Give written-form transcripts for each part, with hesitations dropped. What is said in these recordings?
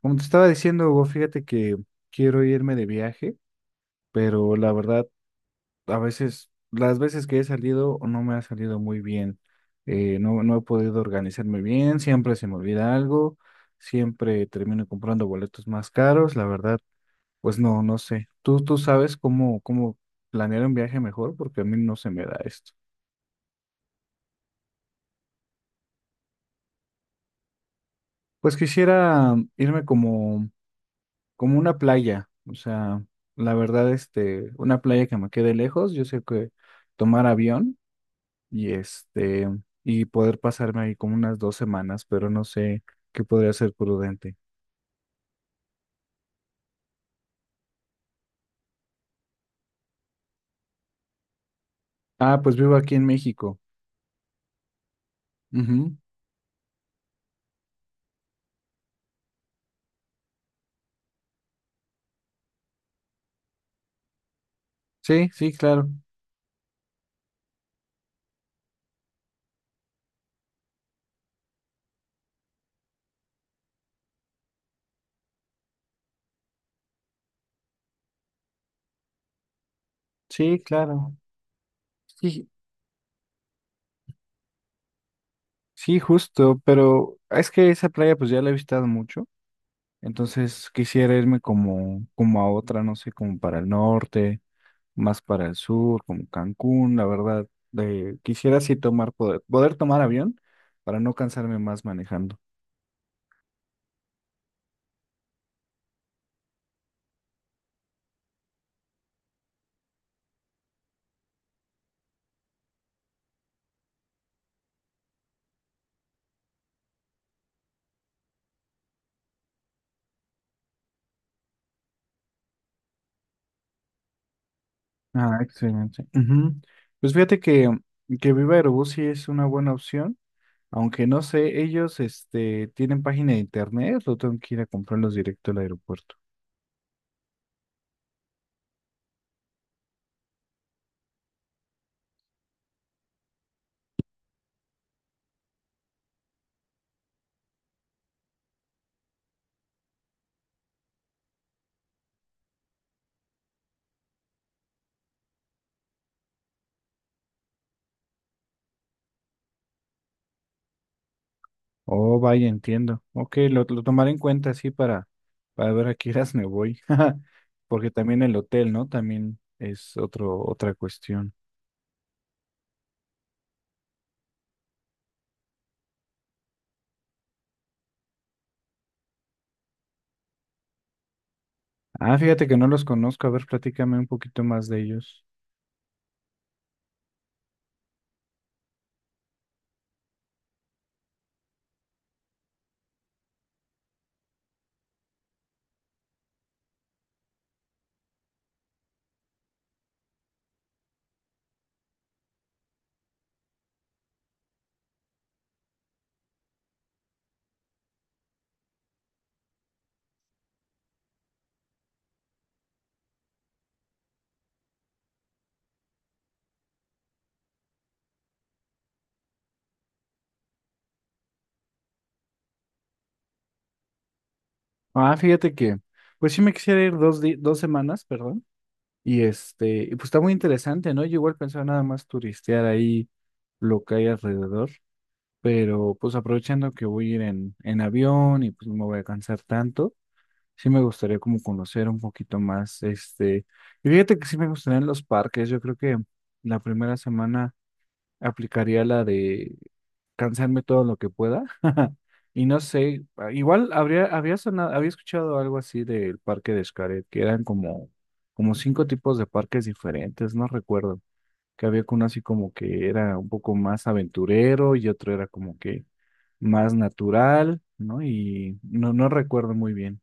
Como te estaba diciendo, Hugo, fíjate que quiero irme de viaje, pero la verdad, a veces, las veces que he salido no me ha salido muy bien. No, he podido organizarme bien, siempre se me olvida algo, siempre termino comprando boletos más caros, la verdad, pues no, no sé. Tú sabes cómo, cómo planear un viaje mejor, porque a mí no se me da esto. Pues quisiera irme como una playa, o sea, la verdad, este, una playa que me quede lejos, yo sé que tomar avión y este, y poder pasarme ahí como unas dos semanas, pero no sé qué podría ser prudente. Ah, pues vivo aquí en México. Ujú. Sí, sí, claro. Sí, claro. Sí, sí, justo, pero es que esa playa pues ya la he visitado mucho, entonces quisiera irme como, como a otra, no sé, como para el norte más para el sur, como Cancún, la verdad. Quisiera sí tomar, poder, poder tomar avión para no cansarme más manejando. Ah, excelente. Ujú. Pues fíjate que Viva Aerobús sí es una buena opción, aunque no sé, ellos este, tienen página de internet, lo tengo que ir a comprarlos directo al aeropuerto. Oh, vaya, entiendo. Ok, lo tomaré en cuenta así para ver a qué horas me voy. Porque también el hotel, ¿no? También es otro, otra cuestión. Ah, fíjate que no los conozco. A ver, platícame un poquito más de ellos. Ah, fíjate que, pues sí me quisiera ir dos, dos semanas, perdón. Y este, y pues está muy interesante, ¿no? Yo igual pensaba nada más turistear ahí lo que hay alrededor, pero pues aprovechando que voy a ir en avión y pues no me voy a cansar tanto, sí me gustaría como conocer un poquito más, este. Y fíjate que sí me gustaría en los parques. Yo creo que la primera semana aplicaría la de cansarme todo lo que pueda. Y no sé, ah, igual habría, había sonado, había escuchado algo así del parque de Xcaret, que eran como, como cinco tipos de parques diferentes, no recuerdo. Que había uno así como que era un poco más aventurero y otro era como que más natural, ¿no? Y no, no recuerdo muy bien.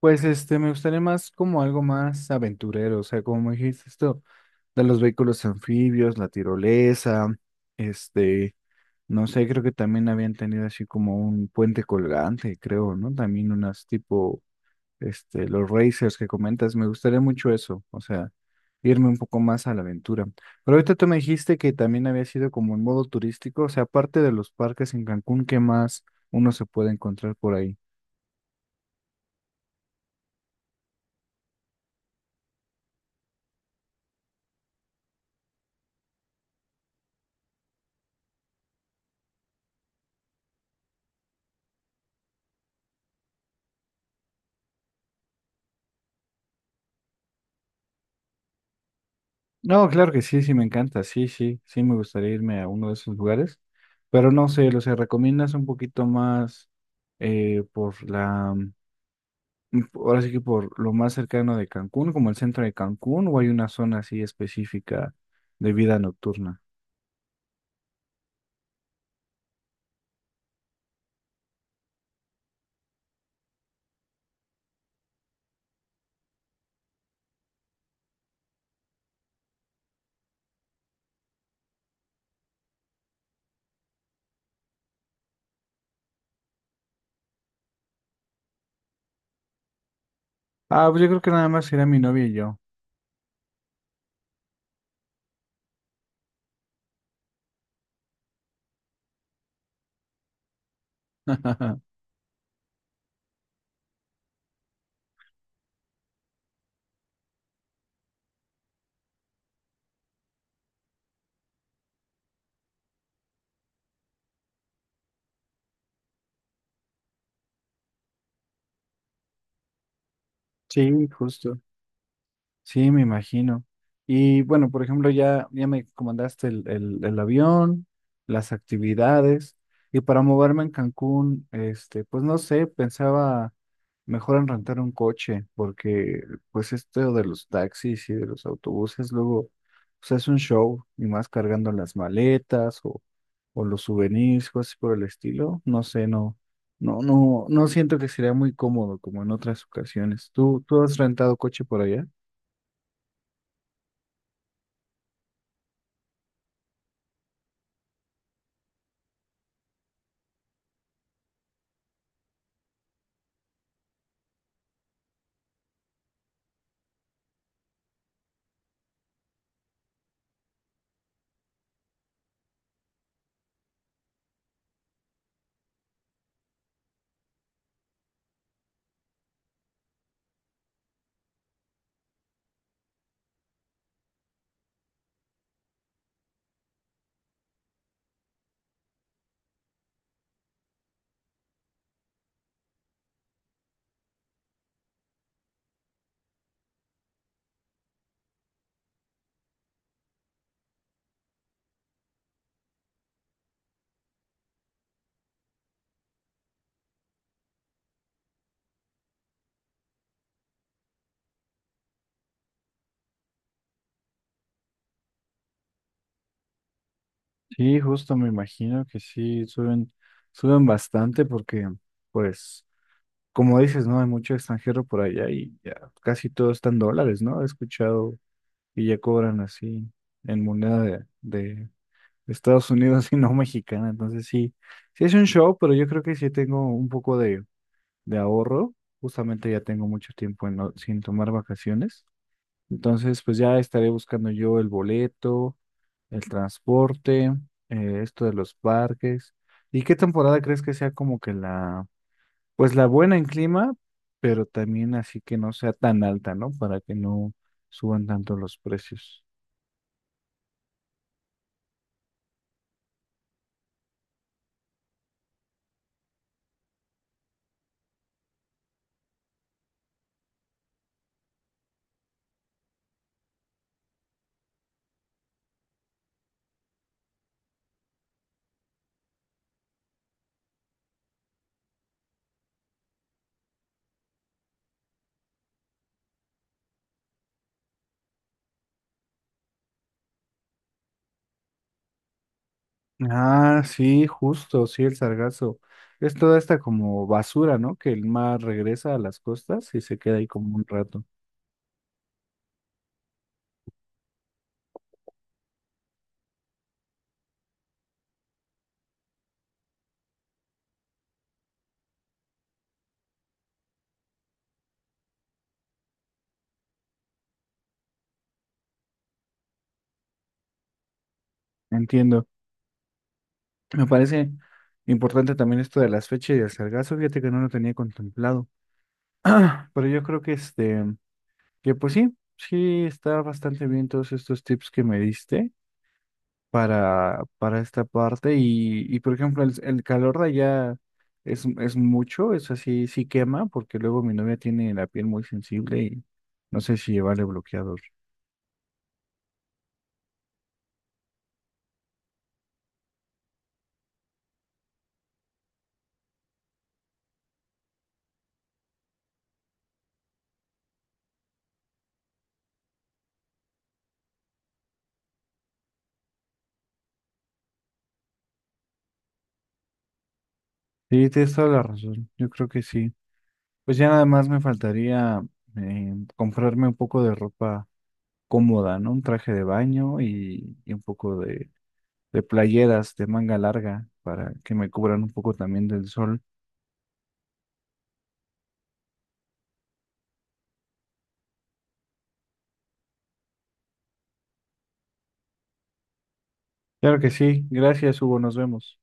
Pues este, me gustaría más como algo más aventurero, o sea, como me dijiste esto de los vehículos anfibios, la tirolesa, este, no sé, creo que también habían tenido así como un puente colgante, creo, ¿no? También unas tipo, este, los racers que comentas, me gustaría mucho eso, o sea, irme un poco más a la aventura. Pero ahorita tú me dijiste que también había sido como en modo turístico, o sea, aparte de los parques en Cancún, ¿qué más uno se puede encontrar por ahí? No, claro que sí, sí me encanta, sí, sí, sí me gustaría irme a uno de esos lugares, pero no sé, o sea, recomiendas un poquito más por la, ahora sí que por lo más cercano de Cancún, como el centro de Cancún, o hay una zona así específica de vida nocturna. Ah, pues yo creo que nada más será mi novia y yo. Sí, justo. Sí, me imagino. Y bueno, por ejemplo, ya, ya me comandaste el avión, las actividades, y para moverme en Cancún, este, pues no sé, pensaba mejor en rentar un coche, porque pues esto de los taxis y de los autobuses, luego, pues es un show, y más cargando las maletas o los souvenirs, cosas por el estilo, no sé, no, no, no siento que sería muy cómodo como en otras ocasiones. ¿Tú has rentado coche por allá? Sí, justo me imagino que sí, suben, suben bastante porque, pues, como dices, ¿no? Hay mucho extranjero por allá y ya casi todo está en dólares, ¿no? He escuchado y ya cobran así en moneda de Estados Unidos y no mexicana. Entonces sí, sí es un show, pero yo creo que sí tengo un poco de ahorro. Justamente ya tengo mucho tiempo en sin tomar vacaciones. Entonces, pues ya estaré buscando yo el boleto el transporte, esto de los parques. ¿Y qué temporada crees que sea como que la, pues la buena en clima, pero también así que no sea tan alta, ¿no? Para que no suban tanto los precios. Ah, sí, justo, sí, el sargazo. Es toda esta como basura, ¿no? Que el mar regresa a las costas y se queda ahí como un rato. Entiendo. Me parece importante también esto de las fechas y el sargazo. Fíjate que no lo tenía contemplado. Pero yo creo que este, que pues sí, sí está bastante bien todos estos tips que me diste para esta parte. Y por ejemplo, el calor de allá es mucho, es así, sí quema, porque luego mi novia tiene la piel muy sensible y no sé si llevarle bloqueador. Sí, tienes toda la razón. Yo creo que sí. Pues ya nada más me faltaría comprarme un poco de ropa cómoda, ¿no? Un traje de baño y un poco de playeras de manga larga para que me cubran un poco también del sol. Claro que sí, gracias Hugo, nos vemos.